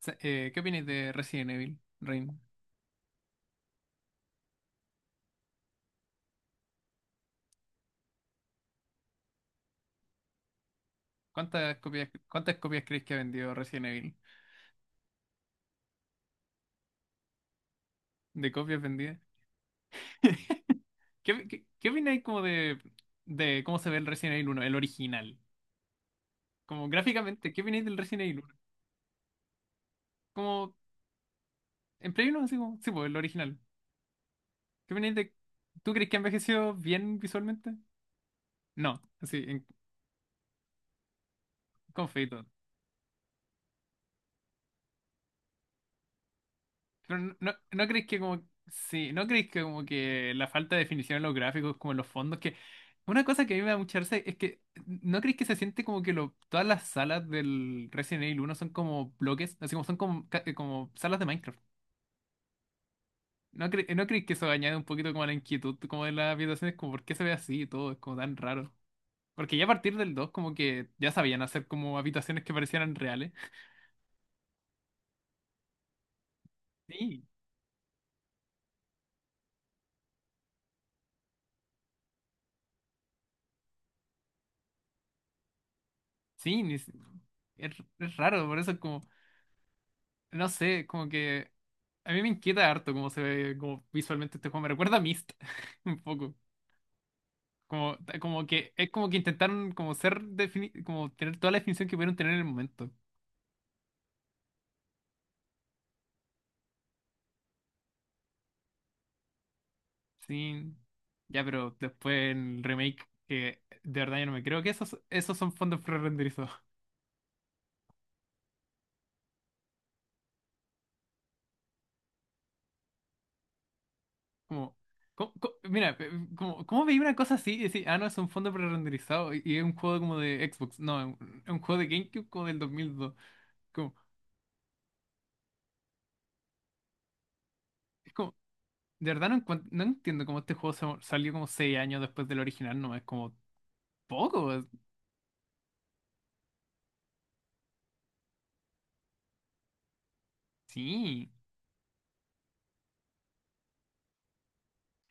¿Qué opináis de Resident Evil, Rain? Cuántas copias creéis que ha vendido Resident Evil? ¿De copias vendidas? ¿Qué opináis como de cómo se ve el Resident Evil uno, el original? Como gráficamente, ¿qué opináis del Resident Evil uno? Como en Play uno así como, sí, pues el original. ¿Qué opináis de... ¿Tú crees que ha envejecido bien visualmente? No, así, en, con feito. Pero ¿no creéis que como sí, no creéis que como que la falta de definición en los gráficos, como en los fondos, que una cosa que a mí me da mucha risa es que no creéis que se siente como que lo, todas las salas del Resident Evil uno son como bloques, así como son como, como salas de Minecraft? No creéis que eso añade un poquito como a la inquietud como de las habitaciones, como por qué se ve así y todo, es como tan raro? Porque ya a partir del 2 como que ya sabían hacer como habitaciones que parecieran reales. Sí, sí, ni- si, es, es raro, por eso es como... No sé, como que a mí me inquieta harto cómo se ve como visualmente este juego. Me recuerda a Myst un poco. Como, como que es como que intentaron como ser como tener toda la definición que pudieron tener en el momento. Sí. Ya, pero después en el remake, que de verdad yo no me creo que esos, esos son fondos prerenderizados. Como, mira, como, ¿cómo veía una cosa así y decir, ah, no, es un fondo prerenderizado y es un juego como de Xbox? No, es un juego de GameCube como del 2002. Como, es como, de verdad no, no entiendo cómo este juego salió como 6 años después del original, no es como poco, sí.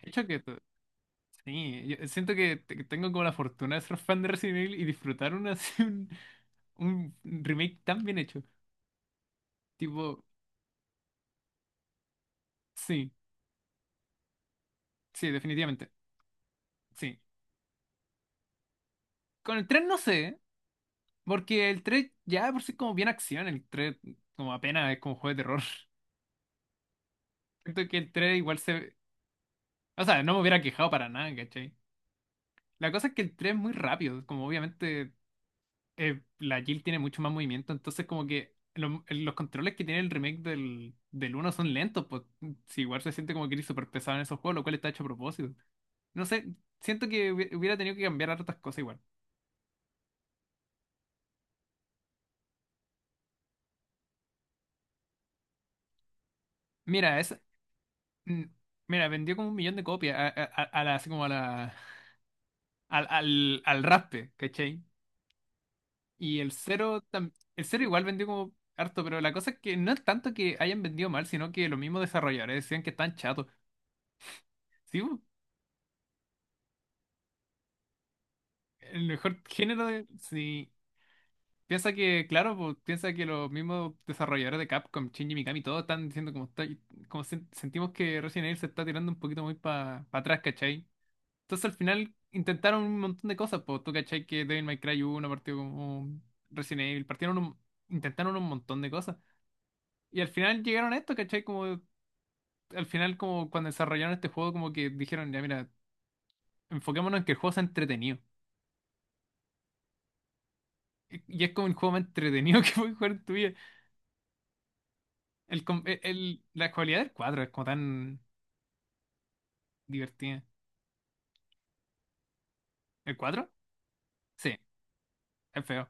De hecho sí, yo siento que tengo como la fortuna de ser fan de Resident Evil y disfrutar una, un remake tan bien hecho. Tipo, sí, sí, definitivamente, sí. Con el 3 no sé, porque el tres ya de por sí es como bien acción, el 3 como apenas es como juego de terror. Siento que el 3 igual se... O sea, no me hubiera quejado para nada, ¿cachai? La cosa es que el 3 es muy rápido, como obviamente la Jill tiene mucho más movimiento, entonces como que los controles que tiene el remake del uno son lentos, pues si igual se siente como que eres súper pesado en esos juegos, lo cual está hecho a propósito. No sé, siento que hubiera tenido que cambiar hartas cosas igual. Mira, es, mm, mira, vendió como 1 millón de copias así como a al raspe, ¿cachai? Y el cero, el cero igual vendió como harto, pero la cosa es que no es tanto que hayan vendido mal, sino que los mismos desarrolladores decían que están chatos. Sí, pues, el mejor género de... Sí. Piensa que, claro, pues, piensa que los mismos desarrolladores de Capcom, Shinji Mikami, todos están diciendo como, está, como sentimos que Resident Evil se está tirando un poquito muy para atrás, ¿cachai? Entonces al final intentaron un montón de cosas, pues tú, ¿cachai? Que Devil May Cry 1 partió como Resident Evil, intentaron un montón de cosas. Y al final llegaron a esto, ¿cachai? Como al final como cuando desarrollaron este juego como que dijeron, ya mira, enfoquémonos en que el juego sea entretenido. Y es como el juego más entretenido que puedes jugar en tu vida. El, la cualidad del cuadro es como tan divertida. ¿El cuadro? Sí, es feo.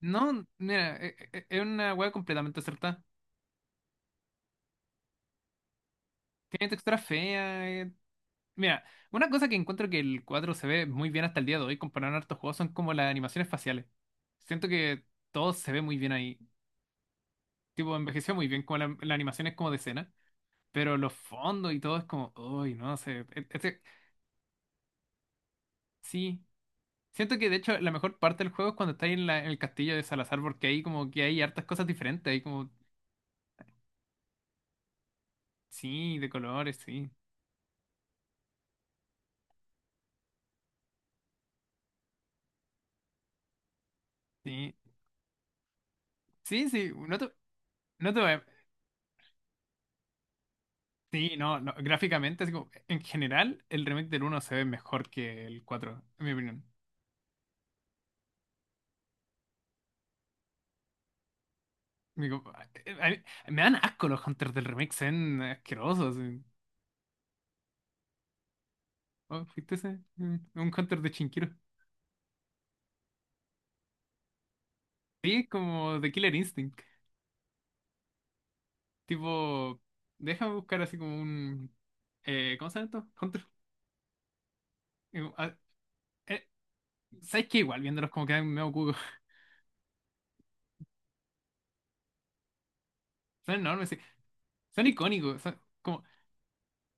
No, mira, una wea completamente acertada. Tiene textura fea. Mira, una cosa que encuentro que el cuadro se ve muy bien hasta el día de hoy comparado a hartos juegos son como las animaciones faciales. Siento que todo se ve muy bien ahí. Tipo, envejeció muy bien como la animación es como de escena. Pero los fondos y todo es como, uy, no sé. Sí. Siento que de hecho la mejor parte del juego es cuando estáis en, en el castillo de Salazar, porque ahí como que hay hartas cosas diferentes, hay como, sí, de colores, sí, sí, sí, no te, no te voy a... Sí, no, no, gráficamente, así como, en general, el remake del uno se ve mejor que el cuatro en mi opinión. Digo, a me dan asco los hunters del remake, se ven asquerosos. Sí. Oh, ¿viste ese? Mm, un hunter de Chinquiro. Sí, es como de Killer Instinct. Tipo, déjame buscar así como un... ¿cómo se llama esto? Hunter. eh, ¿Sabes qué? Igual viéndolos como quedan medio cucos. Son enormes, sí. Son icónicos, son como,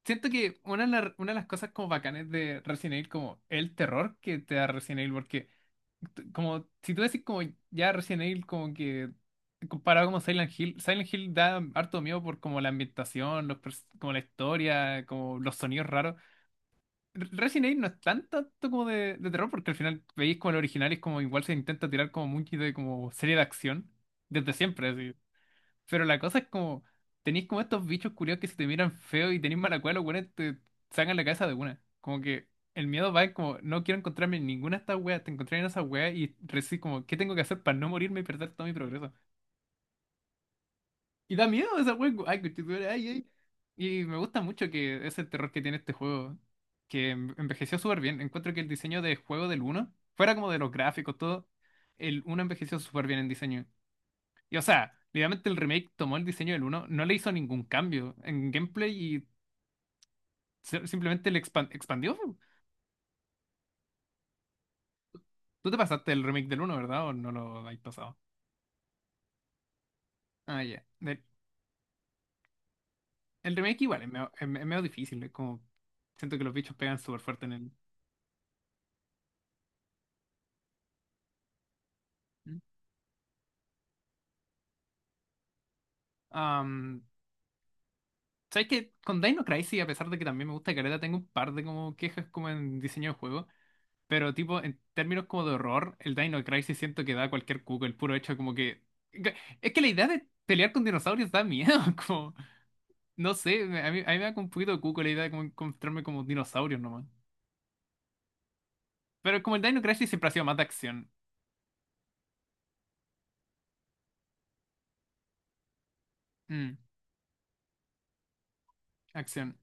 siento que una de las cosas como bacanes de Resident Evil, como el terror que te da Resident Evil, porque como si tú decís como ya Resident Evil como que comparado como Silent Hill, Silent Hill da harto miedo por como la ambientación, como la historia, como los sonidos raros. Resident Evil no es tan tanto como de terror porque al final veis como el original y es como igual se intenta tirar como mucho de como serie de acción desde siempre, así. Pero la cosa es como, tenéis como estos bichos curiosos que si te miran feo y tenéis mala cueva, los weones te sacan la cabeza de una. Como que el miedo va en como, no quiero encontrarme en ninguna de estas weas, te encontré en esa wea y recibes como, ¿qué tengo que hacer para no morirme y perder todo mi progreso? Y da miedo esa wea, como, ay, conchetumare, ay, ay. Y me gusta mucho que ese terror que tiene este juego, que envejeció súper bien. Encuentro que el diseño de juego del uno fuera como de los gráficos, todo, el uno envejeció súper bien en diseño. Y o sea, literalmente el remake tomó el diseño del uno, no le hizo ningún cambio en gameplay y simplemente le expandió. Tú te pasaste el remake del uno, ¿verdad? ¿O no lo habéis pasado? Ah, ya. Del- el remake igual es medio, es medio difícil, es como... Siento que los bichos pegan súper fuerte en el... Am, ¿sabes qué? Con Dino Crisis, a pesar de que también me gusta Caleta, tengo un par de como quejas como en diseño de juego. Pero tipo, en términos como de horror, el Dino Crisis siento que da cualquier cuco, el puro hecho como que... Es que la idea de pelear con dinosaurios da miedo, como... No sé, a mí me da como un poquito de cuco la idea de como encontrarme como dinosaurios nomás. Pero como el Dino Crisis siempre ha sido más de acción. Mm, acción.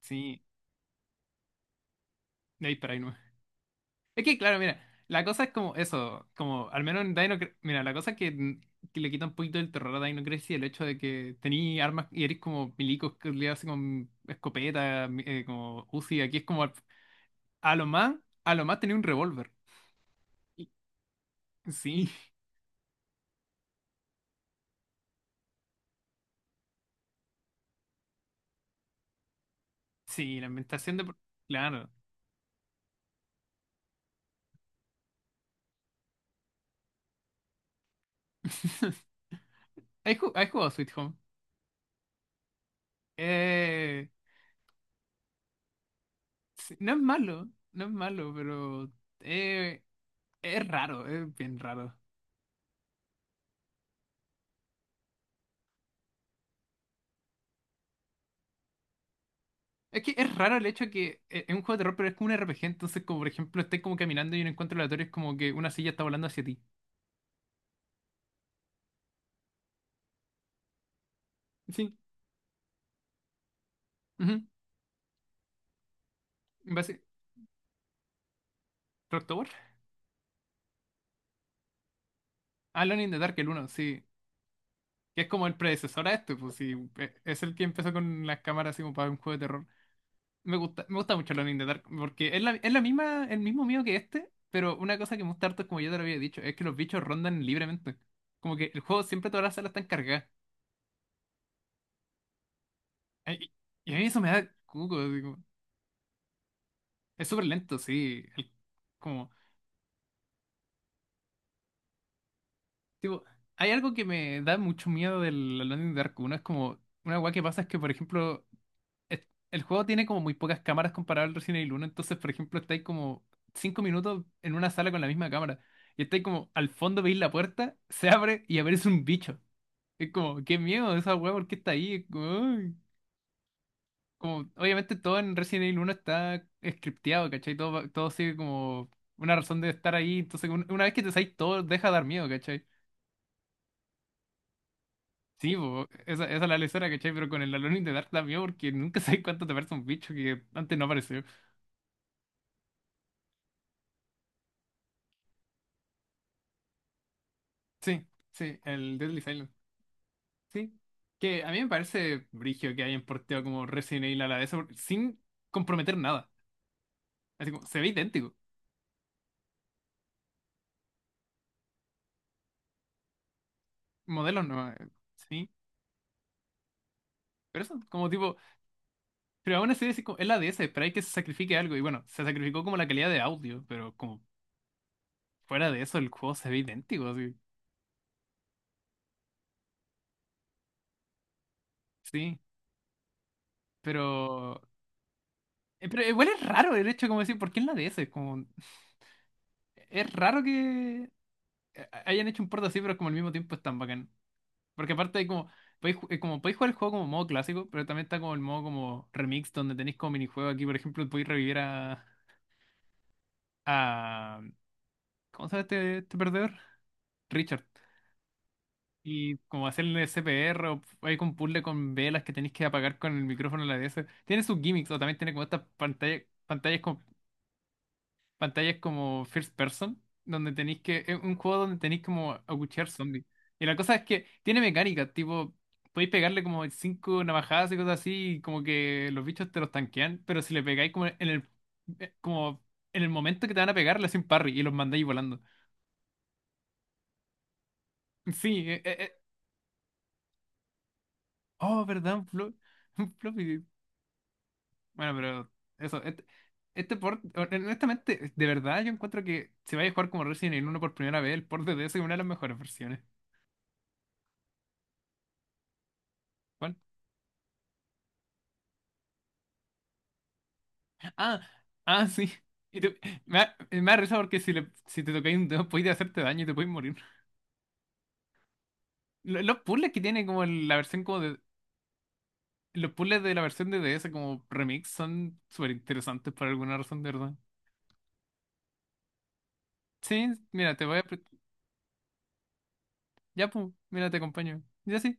Sí, de ahí para ahí, ¿no? Es que, claro, mira, la cosa es como eso, como al menos en Dino mira, la cosa es que, mm, que le quita un poquito el terror a Dino Crisis el hecho de que tení armas y eres como milicos que le hacen con escopeta, como Uzi. Aquí es como a lo más, a lo más tenía un revólver. Y- sí, sí, la ambientación de. Claro. Has jugado Sweet Home? Eh, sí, no es malo, no es malo, pero eh, es raro, es bien raro. Es que es raro el hecho de que es un juego de terror, pero es como un RPG. Entonces, como por ejemplo, estés como caminando y un encuentro aleatorio es como que una silla está volando hacia ti. Sí. Ujú. En base, ¿Rocktober? Alone in the Dark, el uno sí. Que es como el predecesor a este, pues sí. Es el que empezó con las cámaras así como para un juego de terror. Me gusta mucho Alone in the Dark, porque es es la misma, el mismo miedo que este, pero una cosa que me gusta harto, como yo te lo había dicho, es que los bichos rondan libremente. Como que el juego siempre todas las salas están cargadas. Ay, y a mí eso me da cuco. Es súper lento, sí. El- como, tipo, hay algo que me da mucho miedo del Alone in the Dark 1. Es como, una weá que pasa es que, por ejemplo, es- el juego tiene como muy pocas cámaras comparado al Resident Evil uno. Entonces, por ejemplo, estáis como 5 minutos en una sala con la misma cámara. Y estáis como, al fondo veis la puerta, se abre y aparece un bicho. Es como, qué miedo esa weá, ¿por qué está ahí? Es como, "Ay". Como, obviamente todo en Resident Evil uno está scripteado, ¿cachai? Todo, todo sigue como una razón de estar ahí. Entonces, una vez que te salís, todo deja de dar miedo, ¿cachai? Sí, po, esa es la lesera, ¿cachai? Pero con el Alone in the Dark da miedo porque nunca sabes cuánto te parece un bicho que antes no apareció. Sí, sí, el Deadly Silent. Sí. Que a mí me parece brigio que hayan porteado como Resident Evil a la de eso por- sin comprometer nada. Así como, se ve idéntico. Modelos no. Sí. Pero eso, como tipo. Pero aún así es, es la DS, pero hay que se sacrifique algo. Y bueno, se sacrificó como la calidad de audio, pero como fuera de eso el juego se ve idéntico, así. Sí, pero... pero igual es raro el hecho como decir, ¿por qué en la DS? Como, es raro que hayan hecho un port así, pero como al mismo tiempo es tan bacán. Porque aparte hay como... Podéis, como podéis jugar el juego como modo clásico, pero también está como el modo como remix, donde tenéis como minijuego aquí, por ejemplo, podéis revivir a ¿cómo se llama este perdedor? Richard. Y como hacer el CPR, o hay un puzzle con velas que tenéis que apagar con el micrófono de la DS. Tiene sus gimmicks, o también tiene como estas pantallas, pantallas como first person, donde tenéis que, es un juego donde tenéis como aguchear zombies. Y la cosa es que tiene mecánica, tipo, podéis pegarle como cinco navajadas y cosas así, y como que los bichos te los tanquean, pero si le pegáis como en el momento que te van a pegar, le hacen parry y los mandáis volando. Sí, Oh, verdad, un flop. Bueno, pero eso, este port, honestamente, de verdad yo encuentro que si vais a jugar como Resident Evil uno por primera vez, el port de DS es una de las mejores versiones. ¿Cuál? Ah, ah, sí. Y te- me da risa porque si, le, si te tocáis un dedo podéis hacerte daño y te podéis morir. Los puzzles que tiene como la versión como de... Los puzzles de la versión de DS como remix son súper interesantes por alguna razón, de verdad. Sí, mira, te voy a... Ya, pues, mira, te acompaño. Ya sí.